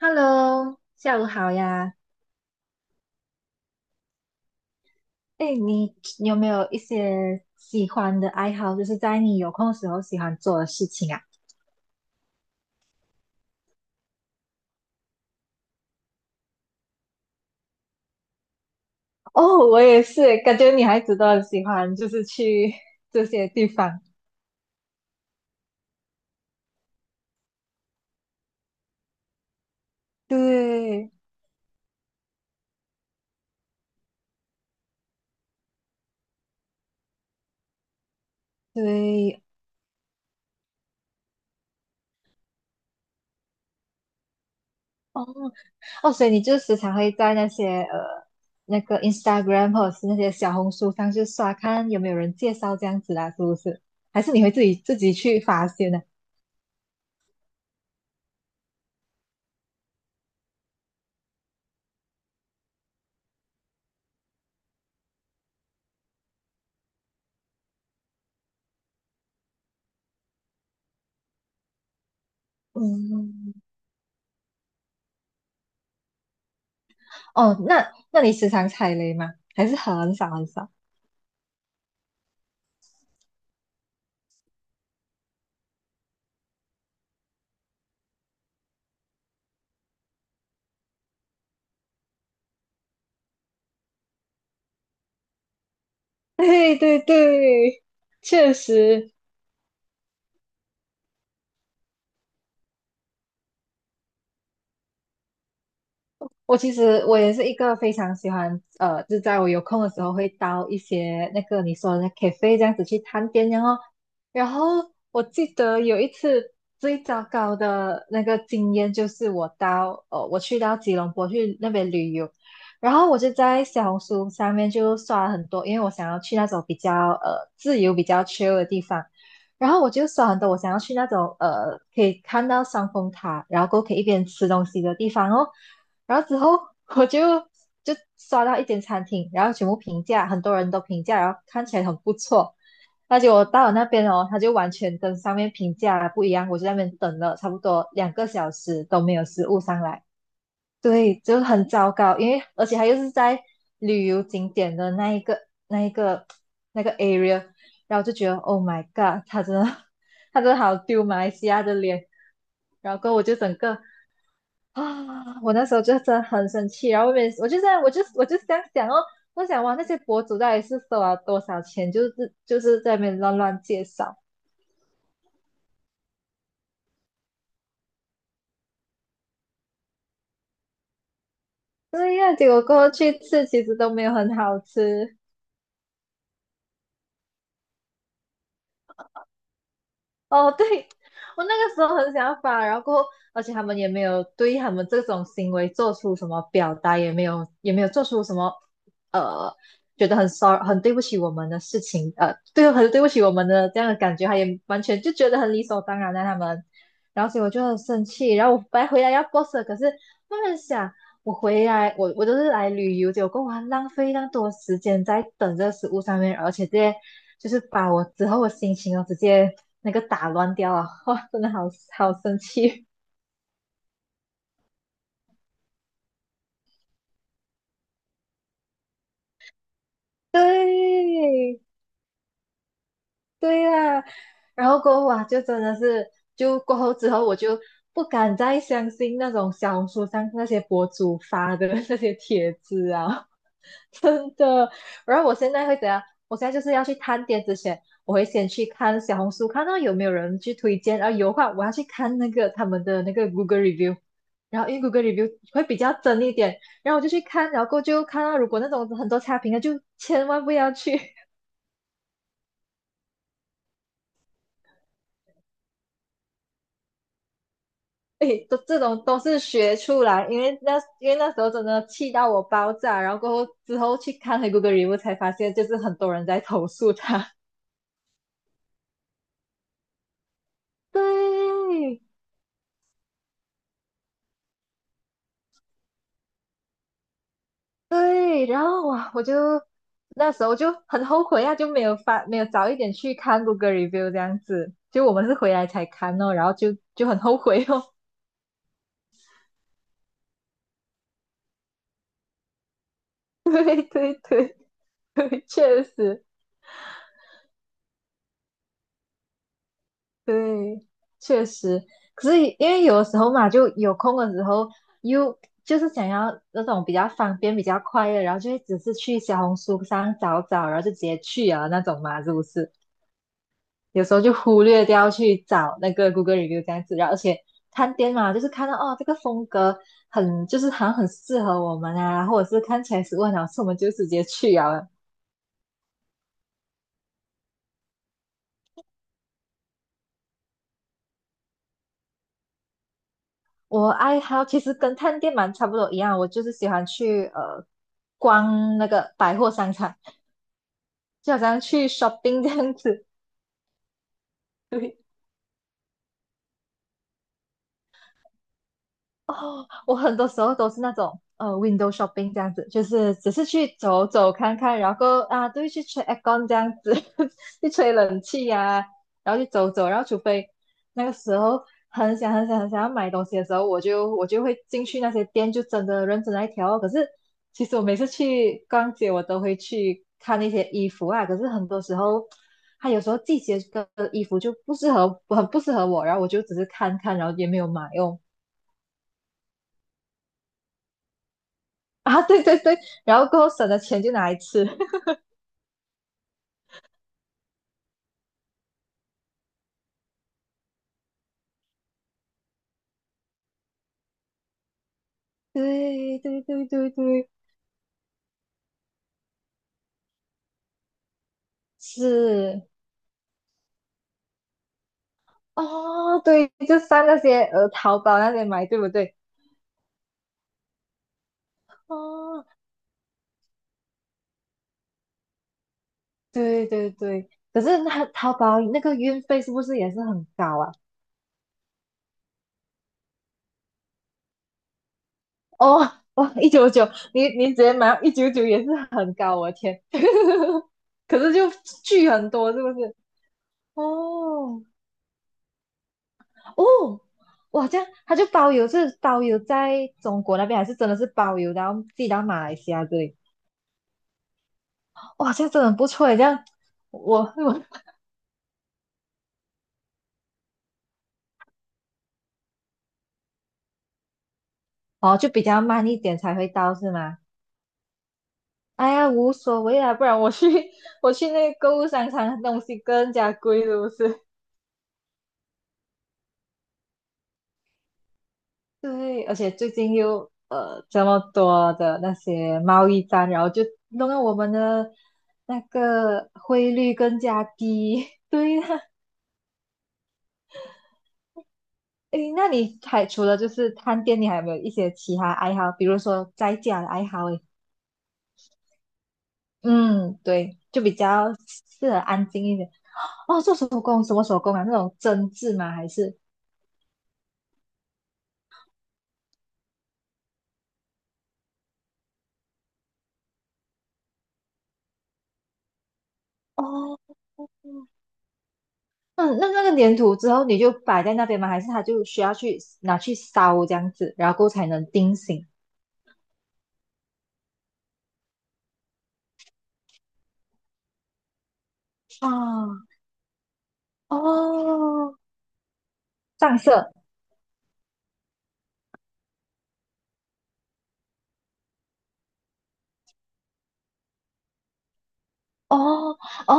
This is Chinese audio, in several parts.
Hello，下午好呀。哎，你有没有一些喜欢的爱好，就是在你有空的时候喜欢做的事情啊？哦，我也是，感觉女孩子都很喜欢，就是去 这些地方。对对，哦，所以你就时常会在那些那个 Instagram 或者是那些小红书上去刷，看有没有人介绍这样子啦，是不是？还是你会自己去发现呢？嗯，哦，那你时常踩雷吗？还是很少很少？对对对，确实我其实我也是一个非常喜欢，就在我有空的时候会到一些那个你说的那 cafe 这样子去探店，然后我记得有一次最糟糕的那个经验就是我去到吉隆坡去那边旅游，然后我就在小红书上面就刷了很多，因为我想要去那种比较自由、比较 chill 的地方。然后我就刷很多，我想要去那种可以看到双峰塔，然后过后可以一边吃东西的地方哦。然后之后我就刷到一间餐厅，然后全部评价，很多人都评价，然后看起来很不错。那结果我到了那边哦，他就完全跟上面评价不一样，我就在那边等了差不多2个小时都没有食物上来，对，就很糟糕。因为而且他又是在旅游景点的那一个那个 area，然后就觉得 Oh my God，他真的 他真的好丢马来西亚的脸。然后过后我就整个啊，我那时候就真的很生气，然后我也我就在我就我就这想想哦，我想哇，那些博主到底是收了多少钱，就是在那边乱乱介绍，对呀，结果过后去吃其实都没有很好吃，哦，对，我那个时候很想法，然后过后，而且他们也没有对他们这种行为做出什么表达，也没有做出什么呃，觉得很 sorry 很对不起我们的事情，对，很对不起我们的这样的感觉，他也完全就觉得很理所当然的他们，然后所以我就很生气，然后我本来回来要 boss 的，可是他们想。我回来，我都是来旅游，结果我还浪费那么多时间在等这个食物上面，而且这些就是把我之后的心情哦直接那个打乱掉啊！哇，真的好好生气。对对啊，然后过后啊，就真的是就过后之后我就不敢再相信那种小红书上那些博主发的那些帖子啊，真的。然后我现在会怎样？我现在就是要去探店之前，我会先去看小红书，看到有没有人去推荐，然后有的话我要去看那个他们的那个 Google review，然后因为 Google review 会比较真一点，然后我就去看，然后过后就看到如果那种很多差评的，就千万不要去。诶，都这种都是学出来，因为那时候真的气到我爆炸，然后过后之后去看回 Google review 才发现，就是很多人在投诉他。对，对，然后哇，我就那时候就很后悔啊，就没有发，没有早一点去看 Google review 这样子，就我们是回来才看哦，然后就很后悔哦。对对对对，确实，对，确实。可是因为有的时候嘛，就有空的时候又就是想要那种比较方便、比较快的，然后就会只是去小红书上找找，然后就直接去啊那种嘛，是不是？有时候就忽略掉去找那个 Google review 这样子，然后而且探店嘛，就是看到哦这个风格很就是好像很适合我们啊，或者是看起来食物很好吃，我们就直接去啊。我爱好其实跟探店蛮差不多一样，我就是喜欢去逛那个百货商场，就好像去 shopping 这样子，我很多时候都是那种window shopping 这样子，就是只是去走走看看，然后啊，都会去吹 aircon 这样子，去吹冷气呀、然后去走走，然后除非那个时候很想很想很想要买东西的时候，我就会进去那些店，就真的认真来挑哦。可是其实我每次去逛街，我都会去看那些衣服啊，可是很多时候。它有时候季节的衣服就不适合，很不适合我，然后我就只是看看，然后也没有买哦。啊，对对对，然后过后省的钱就拿来吃，对对对对对，是哦，对，就上那些淘宝那些买，对不对？哦，对对对，可是那淘宝那个运费是不是也是很高啊？哦，哦，一九九，你直接买一九九也是很高，我的天，可是就巨很多，是不是？哦，哦，哇，这样他就包邮，是包邮在中国那边，还是真的是包邮，然后寄到马来西亚这里？哇，这样真的很不错耶，这样我哦就比较慢一点才会到是吗？哎呀，无所谓啦，不然我去 我去那个购物商场，东西更加贵，是不是？对，而且最近又这么多的那些贸易战，然后就弄得我们的那个汇率更加低。对呀、诶，那你还除了就是探店，你还有没有一些其他爱好？比如说在家的爱好？诶，嗯，对，就比较适合安静一点。哦，做手工，什么手工啊？那种针织吗？还是？哦，嗯，那那个粘土之后你就摆在那边吗？还是它就需要去拿去烧这样子，然后才能定型？啊，哦，上色。哦哦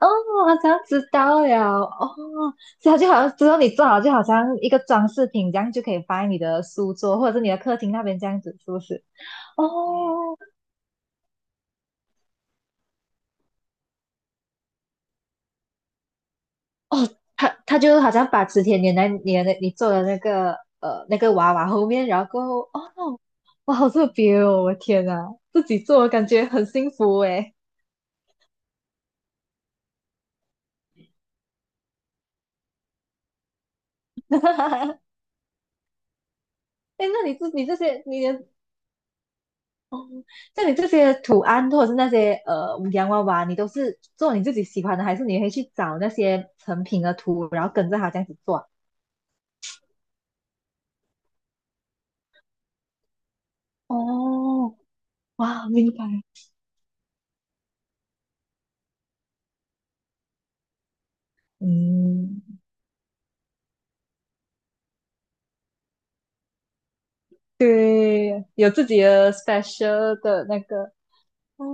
哦，我好像知道了哦，这样就好像之后你做好就好像一个装饰品，这样就可以放在你的书桌或者是你的客厅那边这样子，是不是？哦哦，他就好像把磁铁粘在你做的那个那个娃娃后面，然后过后哦，哇，好特别哦，我天呐，自己做感觉很幸福诶。哎，那你这些你的哦，像你这些图案或者是那些洋娃娃，你都是做你自己喜欢的，还是你可以去找那些成品的图，然后跟着它这样子做？哦，哇，明白。嗯，对，有自己的 special 的那个。哦，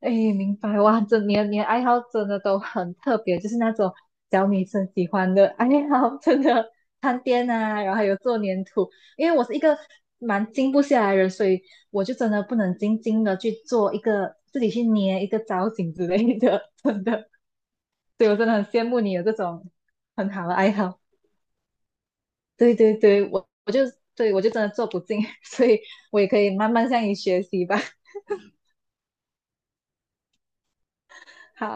哎，明白哇！这你的爱好真的都很特别，就是那种小女生喜欢的爱好，真的探店啊，然后还有做粘土。因为我是一个蛮静不下来的人，所以我就真的不能静静的去做一个自己去捏一个造型之类的，真的。所以我真的很羡慕你有这种很好的爱好。对对对，我就真的做不进，所以我也可以慢慢向你学习吧。好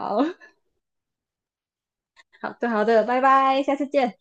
好的好的，拜拜，下次见。